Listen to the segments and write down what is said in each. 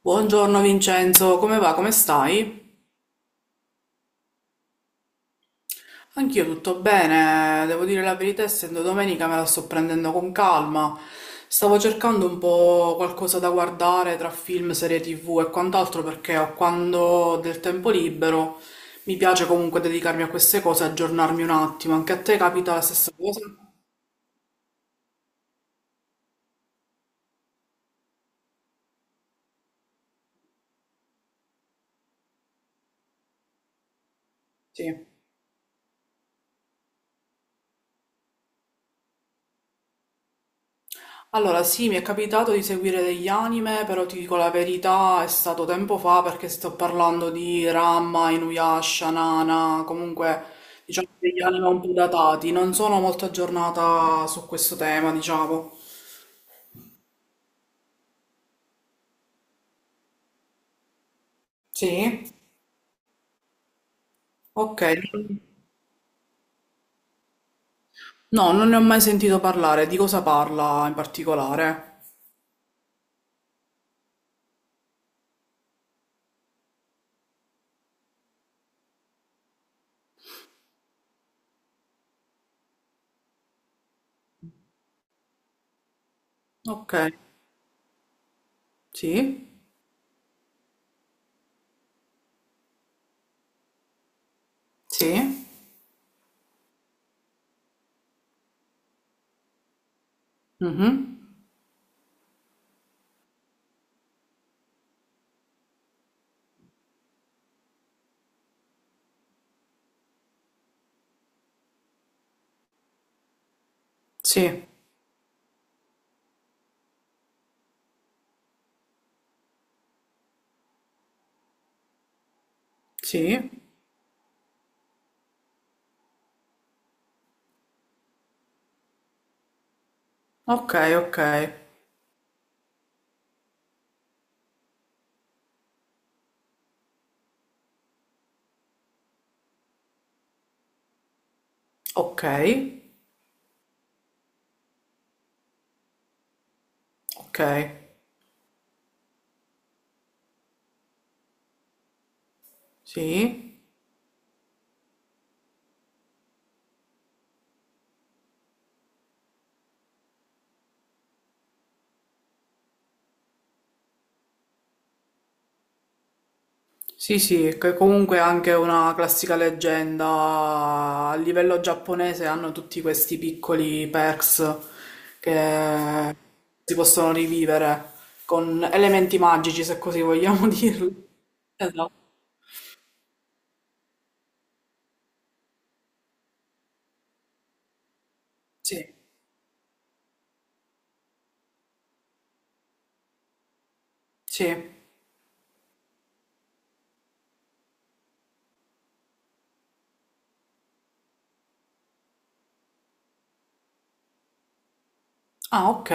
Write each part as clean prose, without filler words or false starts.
Buongiorno Vincenzo, come va? Come stai? Anch'io tutto bene, devo dire la verità, essendo domenica me la sto prendendo con calma. Stavo cercando un po' qualcosa da guardare tra film, serie TV e quant'altro perché ho quando ho del tempo libero mi piace comunque dedicarmi a queste cose, aggiornarmi un attimo. Anche a te capita la stessa cosa? Sì. Allora, sì, mi è capitato di seguire degli anime, però ti dico la verità, è stato tempo fa perché sto parlando di Ranma, Inuyasha, Nana, comunque diciamo degli anime un po' datati, non sono molto aggiornata su questo tema, diciamo. Sì? Ok. No, non ne ho mai sentito parlare, di cosa parla in particolare? Ok. Sì? Sì? Mhm. Sì. Sì. Ok, ok. Ok. Ok. Sì. Sì, sì, che comunque è anche una classica leggenda. A livello giapponese hanno tutti questi piccoli perks che si possono rivivere con elementi magici, se così vogliamo dirli. Esatto. Sì, sì. Ah, ok,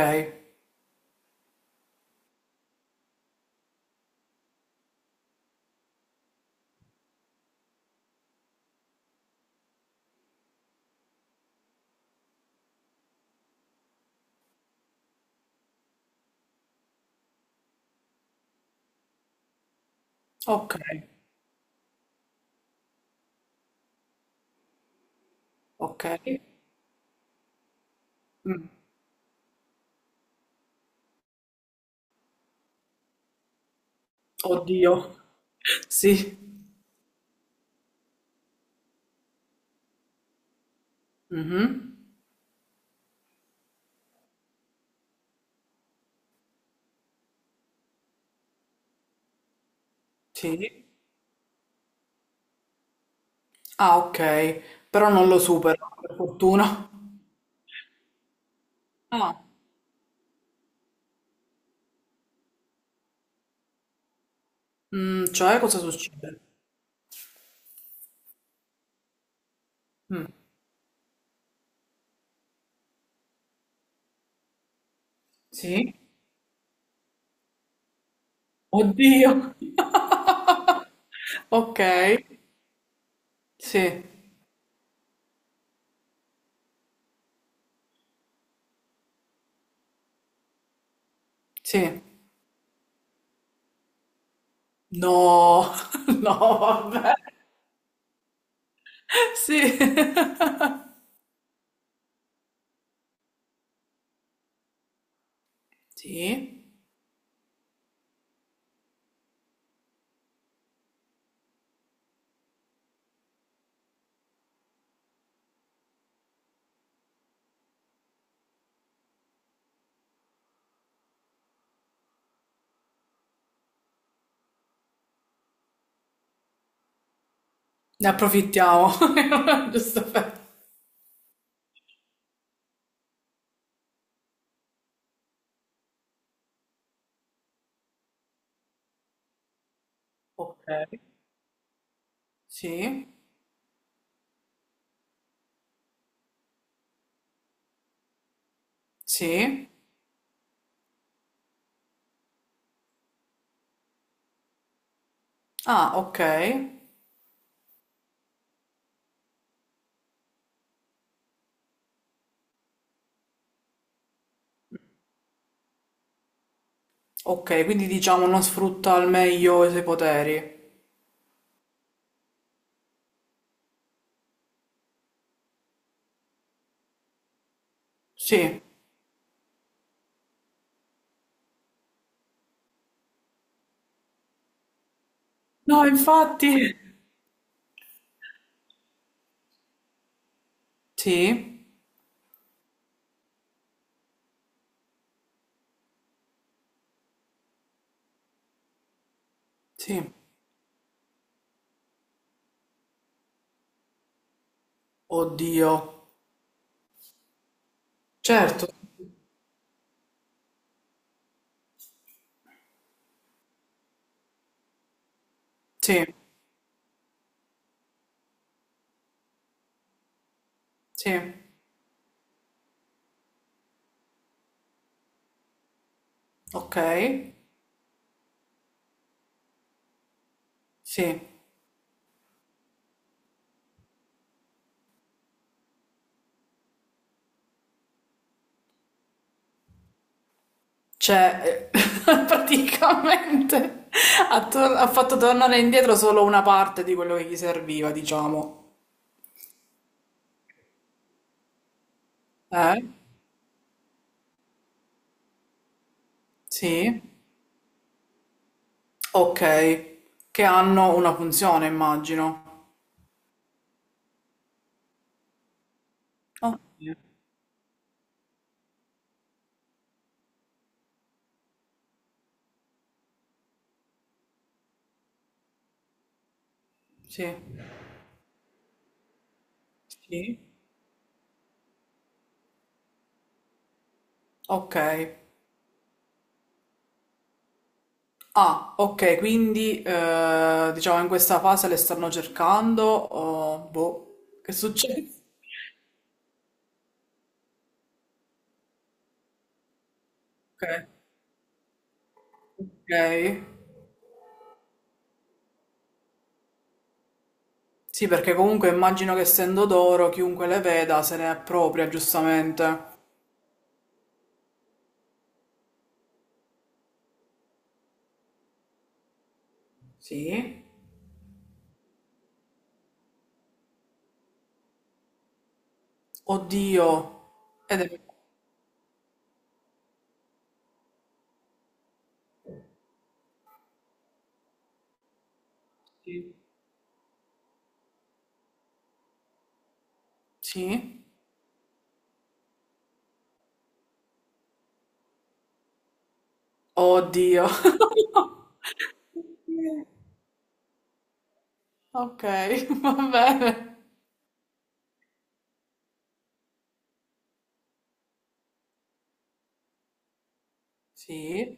ok, ok. Mm. Oddio. Sì. Mhm. Sì. Ah, ok. Però non lo supero, per fortuna. Ah, mm, cioè cosa succede? Mm. Sì. Oddio. Ok. Sì. Sì. No. No, vabbè. Sì. Sì. Ne approfittiamo. Giusto per... Ok. Sì. Sì. Ah, ok. Ok, quindi diciamo non sfrutta al meglio i suoi poteri. Sì. No, infatti. Sì. Sì. Oddio. Certo. Sì. Sì. Ok. Sì. Cioè, praticamente ha fatto tornare indietro solo una parte di quello che gli serviva, diciamo. Eh? Sì? Ok. Che hanno una funzione, immagino. Ok. Sì. Sì. Ok. Ah, ok, quindi diciamo in questa fase le stanno cercando. O boh, che succede? Ok. Ok. Sì, perché comunque immagino che essendo d'oro chiunque le veda se ne appropria, giustamente. Sì. Oddio. Ed è... Sì? Sì. Oddio. Ok, va bene. Sì.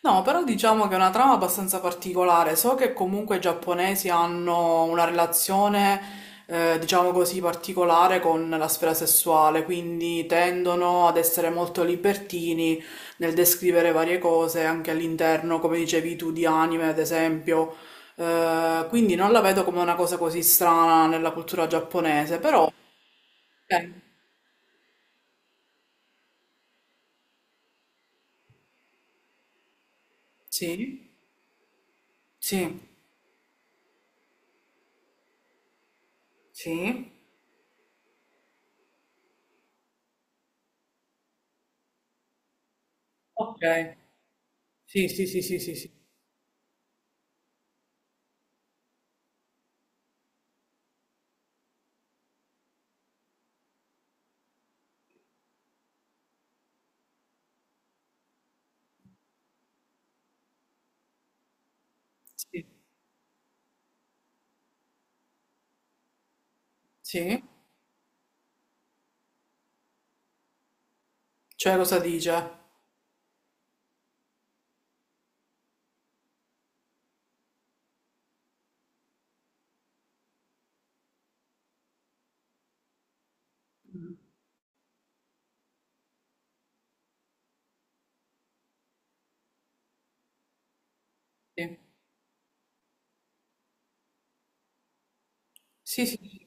No, però diciamo che è una trama abbastanza particolare. So che comunque i giapponesi hanno una relazione, diciamo così, particolare con la sfera sessuale, quindi tendono ad essere molto libertini nel descrivere varie cose anche all'interno, come dicevi tu, di anime, ad esempio. Quindi non la vedo come una cosa così strana nella cultura giapponese, però... eh, sì, sì, sì, ok. Sì, sì, sì, sì, sì, sì, sì, sì. Cioè, cosa dice? Sì. Sì, sì, sì.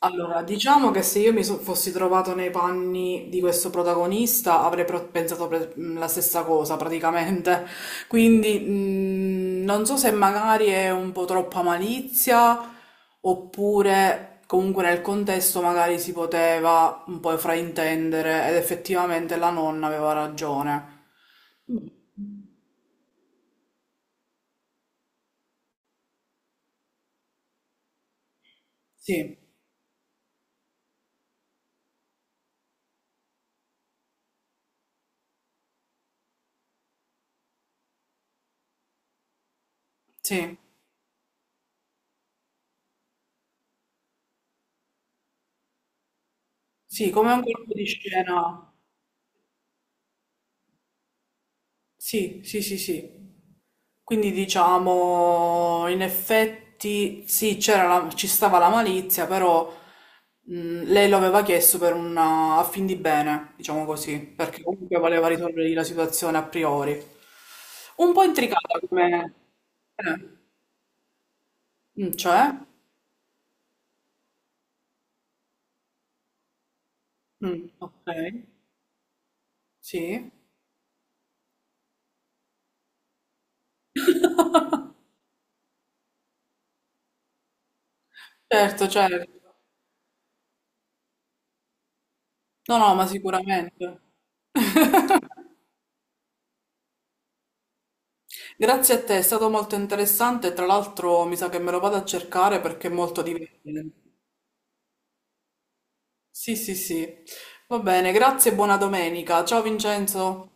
Allora, diciamo che se io fossi trovato nei panni di questo protagonista avrei pensato la stessa cosa praticamente. Quindi non so se magari è un po' troppa malizia oppure comunque nel contesto magari si poteva un po' fraintendere ed effettivamente la nonna aveva ragione. Sì, sì, sì, come un colpo di scena. Sì, sì, sì, sì. Quindi diciamo, in effetti sì, ci stava la malizia, però lei lo aveva chiesto per una, a fin di bene, diciamo così, perché comunque voleva risolvere la situazione a priori. Un po' intricata come... eh, mm, cioè? Mm, ok, sì. Certo, certo. No, no, ma sicuramente. Grazie a te, è stato molto interessante. Tra l'altro, mi sa che me lo vado a cercare perché è molto divertente. Sì, sì, sì. Va bene, grazie e buona domenica. Ciao Vincenzo.